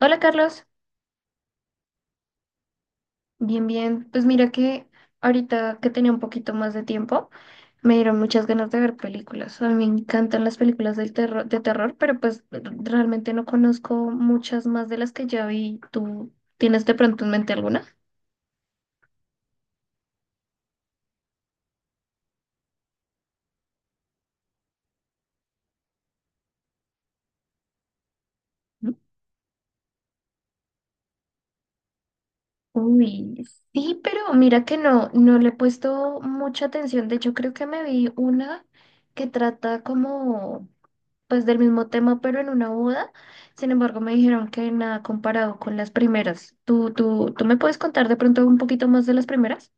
Hola, Carlos. Bien, bien. Pues mira que ahorita que tenía un poquito más de tiempo, me dieron muchas ganas de ver películas. A mí me encantan las películas del terror, de terror, pero pues realmente no conozco muchas más de las que ya vi. ¿Tú tienes de pronto en mente alguna? ¿No? Uy, sí, pero mira que no le he puesto mucha atención. De hecho, creo que me vi una que trata como pues del mismo tema, pero en una boda. Sin embargo, me dijeron que nada comparado con las primeras. ¿Tú me puedes contar de pronto un poquito más de las primeras?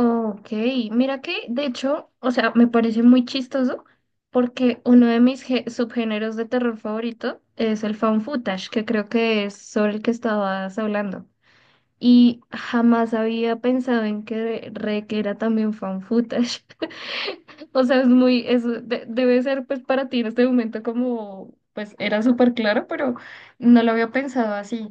Ok, mira que de hecho, o sea, me parece muy chistoso porque uno de mis subgéneros de terror favorito es el found footage, que creo que es sobre el que estabas hablando. Y jamás había pensado en que requiera también fan footage. O sea, es muy, es, debe ser pues para ti en este momento como, pues era súper claro, pero no lo había pensado así.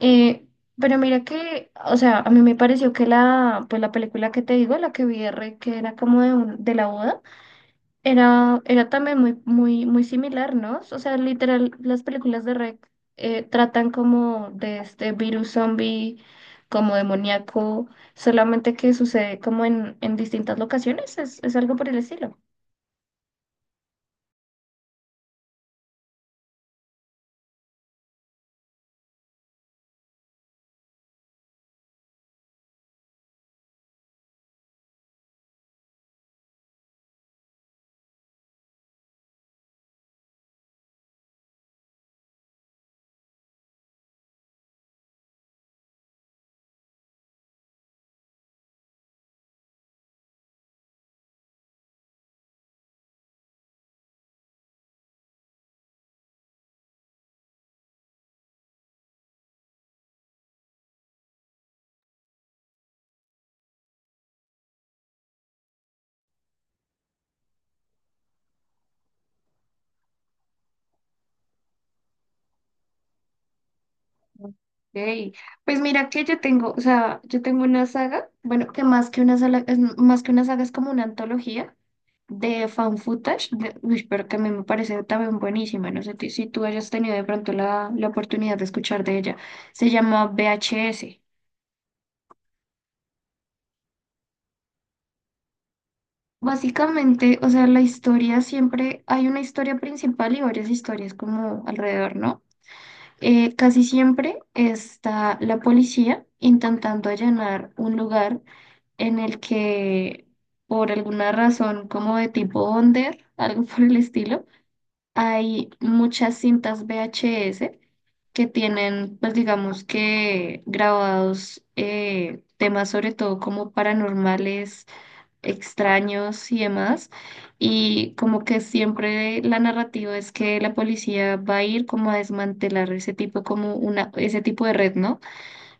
Eh, pero mira que, o sea, a mí me pareció que la, pues la película que te digo, la que vi de Rey, que era como de, de la boda, era, era también muy similar, ¿no? O sea, literal, las películas de Rec tratan como de este virus zombie, como demoníaco, solamente que sucede como en distintas locaciones, es algo por el estilo. Ok, pues mira que yo tengo, o sea, yo tengo una saga, bueno, que más que una saga, es como una antología de fan footage, uy, pero que a mí me parece también buenísima. No sé si tú hayas tenido de pronto la, la oportunidad de escuchar de ella. Se llama VHS. Básicamente, o sea, la historia siempre, hay una historia principal y varias historias como alrededor, ¿no? Casi siempre está la policía intentando allanar un lugar en el que por alguna razón como de tipo under, algo por el estilo, hay muchas cintas VHS que tienen, pues digamos que grabados temas sobre todo como paranormales, extraños y demás. Y como que siempre la narrativa es que la policía va a ir como a desmantelar ese tipo, como una, ese tipo de red, ¿no?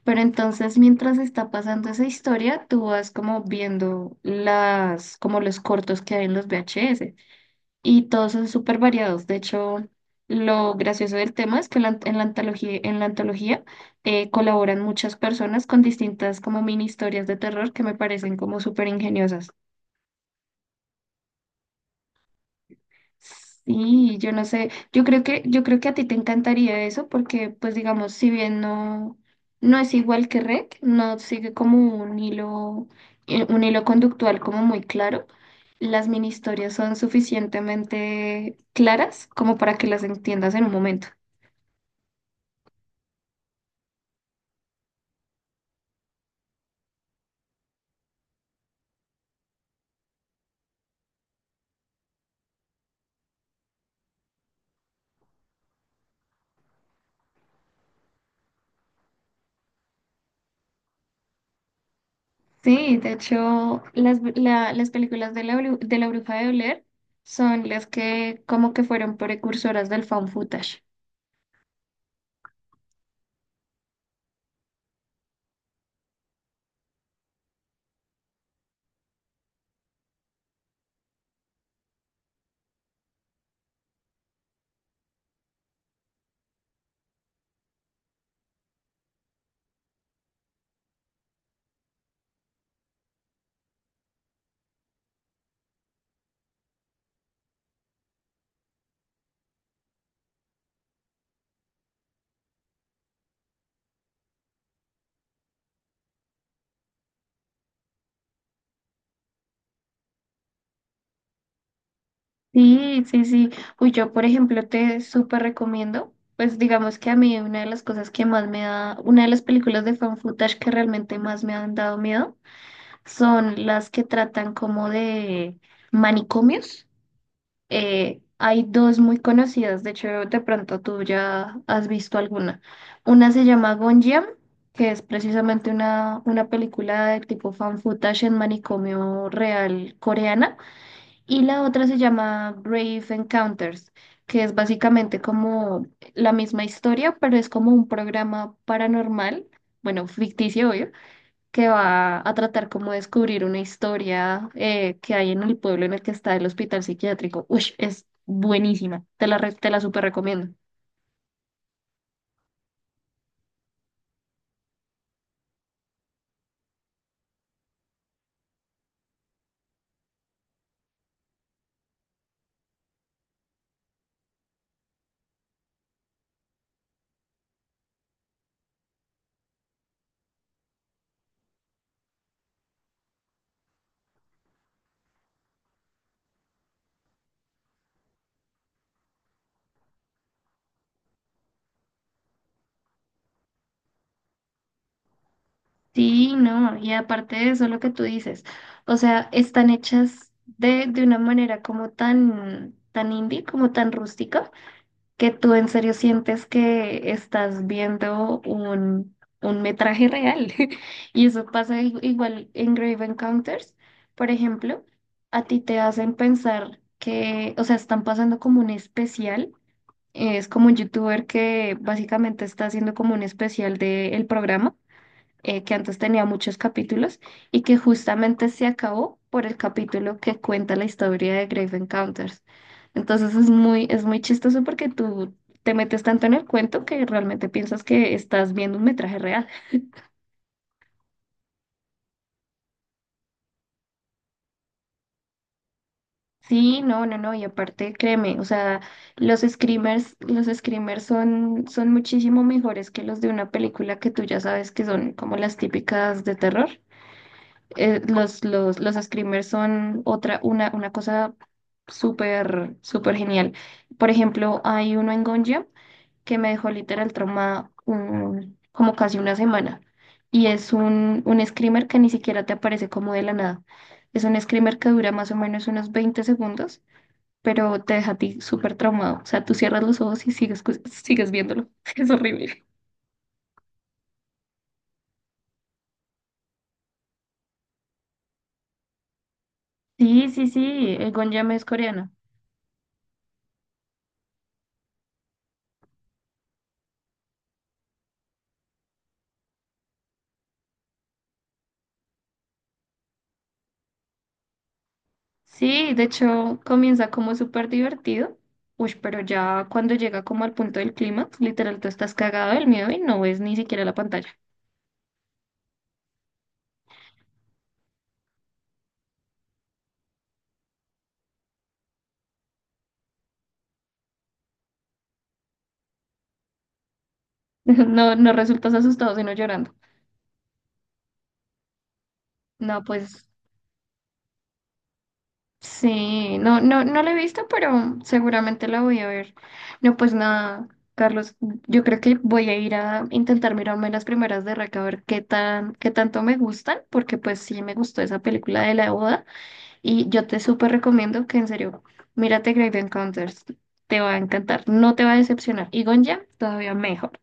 Pero entonces mientras está pasando esa historia, tú vas como viendo las, como los cortos que hay en los VHS, y todos son súper variados. De hecho, lo gracioso del tema es que en la antología, en la antología, colaboran muchas personas con distintas como mini historias de terror que me parecen como súper ingeniosas. Sí, yo no sé, yo creo que a ti te encantaría eso porque, pues digamos, si bien no es igual que REC, no sigue como un hilo conductual como muy claro. Las mini historias son suficientemente claras como para que las entiendas en un momento. Sí, de hecho, las, las películas de la, de la Bruja de Blair son las que como que fueron precursoras del found footage. Sí, sí, sí. Uy, yo, por ejemplo, te súper recomiendo, pues digamos que a mí una de las cosas que más me da, una de las películas de found footage que realmente más me han dado miedo son las que tratan como de manicomios. Hay dos muy conocidas. De hecho, de pronto tú ya has visto alguna. Una se llama Gonjiam, que es precisamente una película de tipo fan footage en manicomio real coreana, y la otra se llama Brave Encounters, que es básicamente como la misma historia, pero es como un programa paranormal, bueno, ficticio, obvio, que va a tratar como de descubrir una historia que hay en el pueblo en el que está el hospital psiquiátrico. Uy, es buenísima. Te la, te la súper recomiendo. Sí, no, y aparte de eso, lo que tú dices, o sea, están hechas de una manera como tan, tan indie, como tan rústica que tú en serio sientes que estás viendo un metraje real. Y eso pasa igual en Grave Encounters, por ejemplo. A ti te hacen pensar que, o sea, están pasando como un especial. Es como un youtuber que básicamente está haciendo como un especial del programa que antes tenía muchos capítulos y que justamente se acabó por el capítulo que cuenta la historia de Grave Encounters. Entonces es muy chistoso porque tú te metes tanto en el cuento que realmente piensas que estás viendo un metraje real. Sí, no, no, no, y aparte créeme, o sea, los screamers son, son muchísimo mejores que los de una película que tú ya sabes que son como las típicas de terror. Los screamers son otra, una cosa súper genial. Por ejemplo, hay uno en Gonja que me dejó literal trauma como casi una semana. Y es un screamer que ni siquiera te aparece como de la nada. Es un screamer que dura más o menos unos 20 segundos, pero te deja a ti súper traumado. O sea, tú cierras los ojos y sigues, sigues viéndolo. Es horrible. Sí, sí, sí. El Gonja es coreano. Sí, de hecho comienza como súper divertido. Uy, pero ya cuando llega como al punto del clímax, literal, tú estás cagado del miedo y no ves ni siquiera la pantalla. No, no resultas asustado, sino llorando. No, pues sí, no, no, no la he visto, pero seguramente la voy a ver. No, pues nada, Carlos, yo creo que voy a ir a intentar mirarme las primeras de Rec a ver qué tan, qué tanto me gustan, porque pues sí me gustó esa película de la boda. Y yo te súper recomiendo que en serio, mírate Grave Encounters, te va a encantar, no te va a decepcionar. Y Gonja, todavía mejor.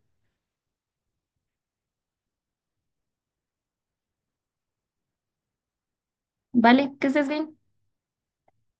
Vale, que estés bien.